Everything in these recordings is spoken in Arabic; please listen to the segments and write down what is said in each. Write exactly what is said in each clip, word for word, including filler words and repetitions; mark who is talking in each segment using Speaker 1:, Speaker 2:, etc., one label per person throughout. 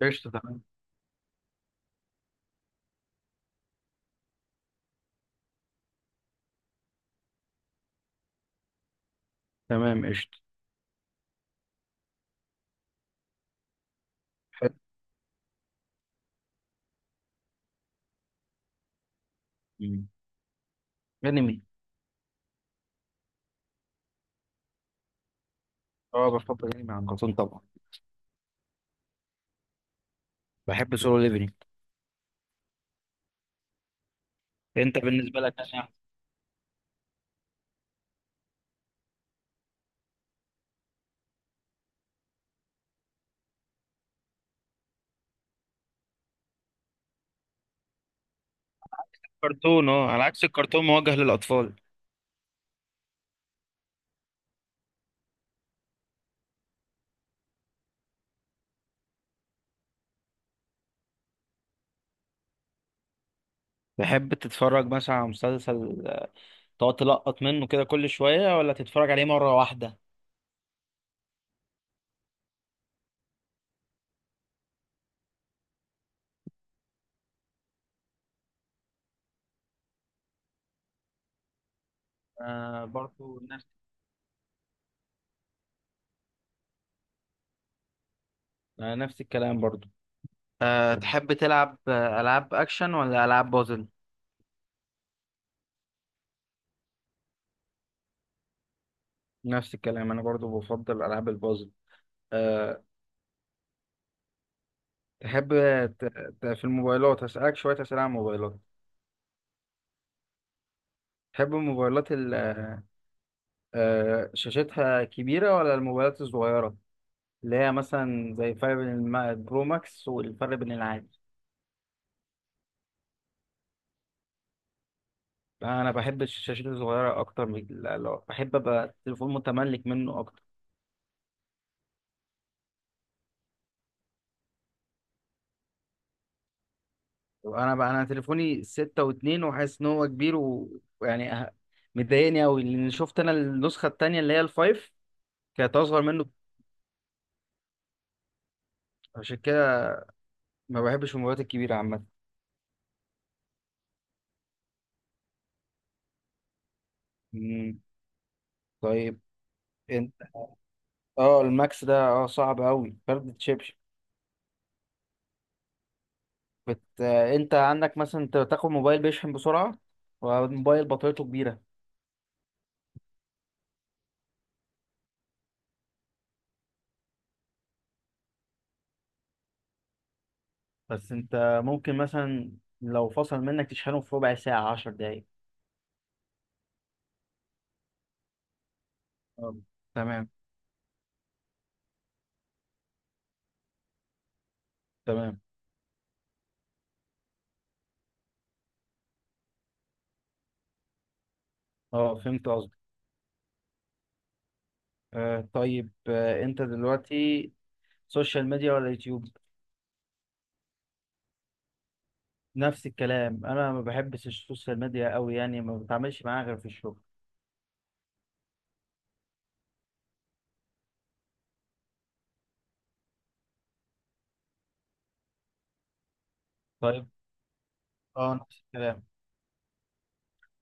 Speaker 1: قشطة تمام. تمام قشطة. حلو. مم. أنمي. أه بفضل أنمي عن كرتون طبعا. بحب سولو ليفلينج. أنت بالنسبة لك يعني؟ كرتون أه على عكس الكرتون موجه للأطفال. تحب تتفرج مثلا على مسلسل آه، تقعد تلقط منه كده كل شوية ولا تتفرج عليه مرة واحدة؟ آه برضو نفس. آه نفس الكلام برضو. آه تحب تلعب آه، ألعاب أكشن ولا ألعاب بازل؟ نفس الكلام أنا برضو بفضل ألعاب البازل. أه تحب ت- ت- في الموبايلات هسألك شوية أسئلة عن الموبايلات. تحب الموبايلات ال- آه، شاشتها كبيرة ولا الموبايلات الصغيرة اللي هي مثلا زي الفرق بين الم- البرو ماكس والفرق بين العادي؟ أنا بحب الشاشات الصغيرة أكتر من ال- لو- بحب أبقى تليفون متملك منه أكتر. أنا بقى أنا تليفوني ستة واتنين وحاسس إن هو كبير و- ويعني أه- مضايقني أوي، لأن شفت أنا النسخة التانية اللي هي الفايف كانت أصغر منه. عشان كده ما بحبش الموبايلات الكبيرة عامة. مم، طيب أنت. أه الماكس ده أه صعب أوي فرد تشيب. بت... انت عندك مثلا، انت بتاخد موبايل بيشحن بسرعة والموبايل بطاريته كبيرة؟ بس انت ممكن مثلا لو فصل منك تشحنه في ربع ساعة، عشر دقايق. آه، تمام تمام. اه فهمت قصدك. آه طيب، آه انت دلوقتي سوشيال ميديا ولا يوتيوب؟ نفس الكلام، انا ما بحبش السوشيال ميديا قوي يعني، ما بتعاملش معاها غير في الشغل. طيب. اه نفس الكلام.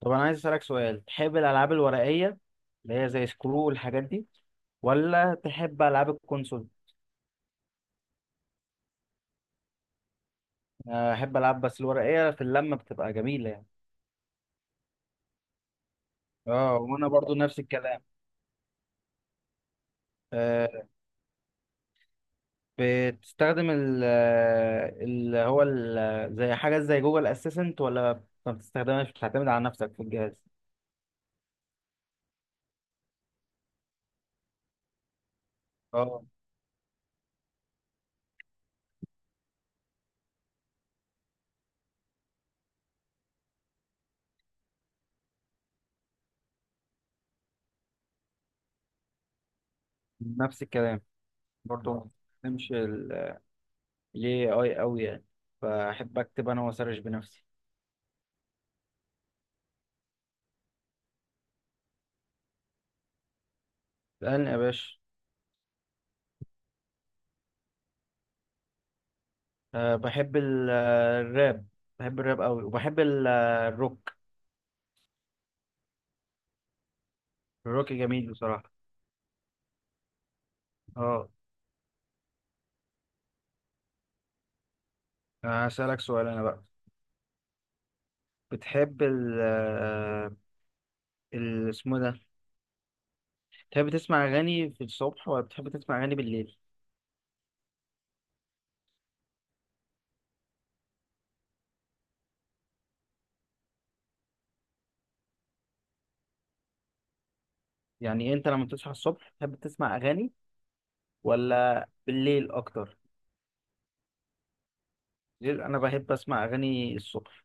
Speaker 1: طب انا عايز اسالك سؤال، تحب الالعاب الورقيه اللي هي زي سكرو والحاجات دي ولا تحب العاب الكونسول؟ احب العب، بس الورقيه في اللمه بتبقى جميله يعني. اه وانا برضو نفس الكلام. أه بتستخدم ال- اللي هو ال- زي حاجه زي جوجل اسيستنت، ولا ما بتستخدمهاش بتعتمد على نفسك في الجهاز؟ اه نفس الكلام، برضو ما بستخدمش الاي اي قوي يعني، فاحب اكتب انا واسرش بنفسي. اسالني يا باشا. أه بحب ال- آه، الراب. بحب الراب قوي، وبحب ال- آه، الروك. الروك جميل بصراحه. اه هسألك سؤال انا بقى. بتحب ال ال- اسمه ده بتحب تسمع أغاني في الصبح ولا بتحب تسمع أغاني بالليل؟ يعني أنت لما بتصحى الصبح بتحب تسمع أغاني ولا بالليل أكتر؟ بالليل. أنا بحب أسمع أغاني الصبح.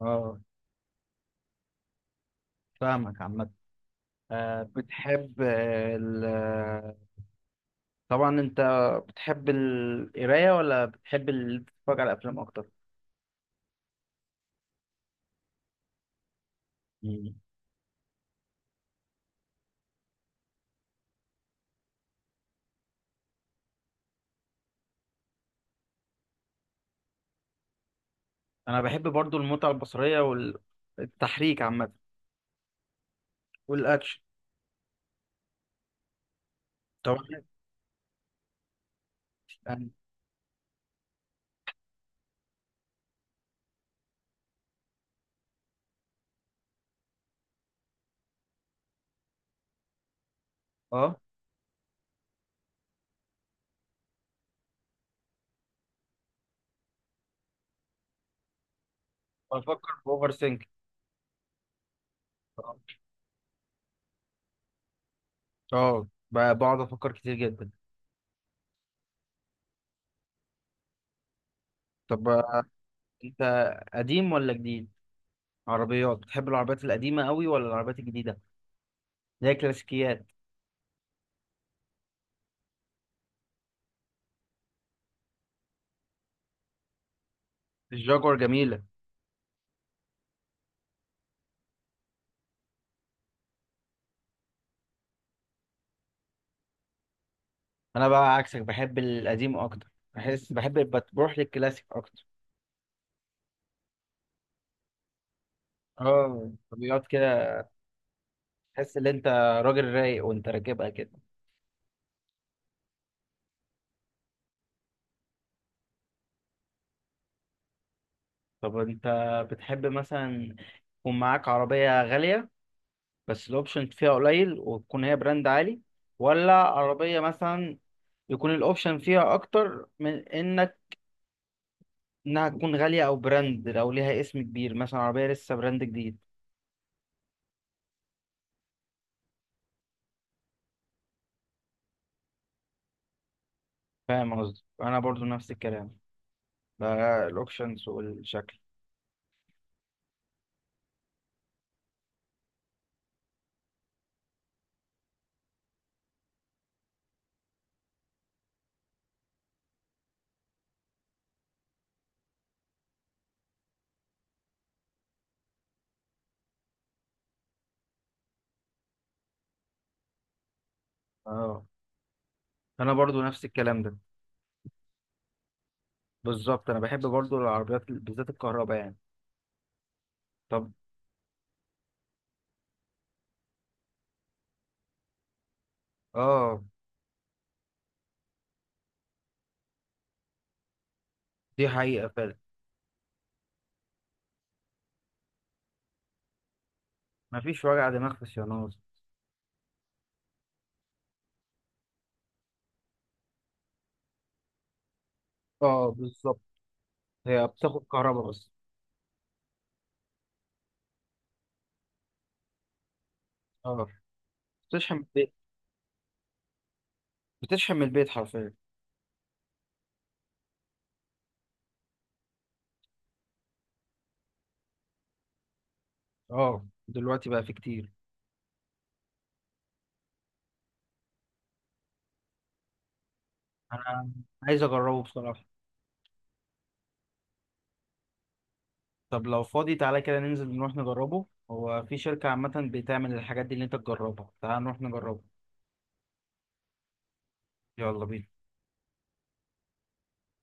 Speaker 1: اه فاهمك عامة. آه، بتحب آه، ال طبعا أنت بتحب القراية ولا بتحب ال- تتفرج على أفلام أكتر؟ مم. أنا بحب برضو المتعة البصرية والتحريك عامة والأكشن. طبعا. أنا- اه بفكر في اوفر سينك. اه ب- بقعد افكر كتير جدا. طب آه، انت قديم ولا جديد؟ عربيات، بتحب العربيات القديمه قوي ولا العربيات الجديده زي الكلاسيكيات؟ الجاكور جميله. انا بقى عكسك بحب القديم اكتر، بحس بحب بتروح للكلاسيك اكتر. اه عربيات كده. تحس ان انت راجل رايق وانت راكبها كده. طب انت بتحب مثلا يكون معاك عربيه غاليه بس الاوبشن فيها قليل وتكون هي براند عالي، ولا عربية مثلا يكون الاوبشن فيها اكتر من انك انها تكون غالية او براند لو ليها اسم كبير، مثلا عربية لسه براند جديد؟ فاهم قصدي، انا برضو نفس الكلام ده، الاوبشنز والشكل. اه انا برضو نفس الكلام ده. بالظبط، انا بحب برضو العربيات ال- بالذات الكهرباء يعني. طب اه. دي حقيقة فعلا. مفيش وجع دماغ في الصيانات. اه بالظبط. هي بتاخد كهرباء بس؟ اه بتشحن من البيت. بتشحن من البيت حرفيا. اه دلوقتي بقى في كتير. انا عايز اجربه بصراحة. طب لو فاضي تعالى كده ننزل نروح نجربه. هو في شركة عامة بتعمل الحاجات دي اللي انت تجربها، تعالى نروح نجربه. يلا بينا.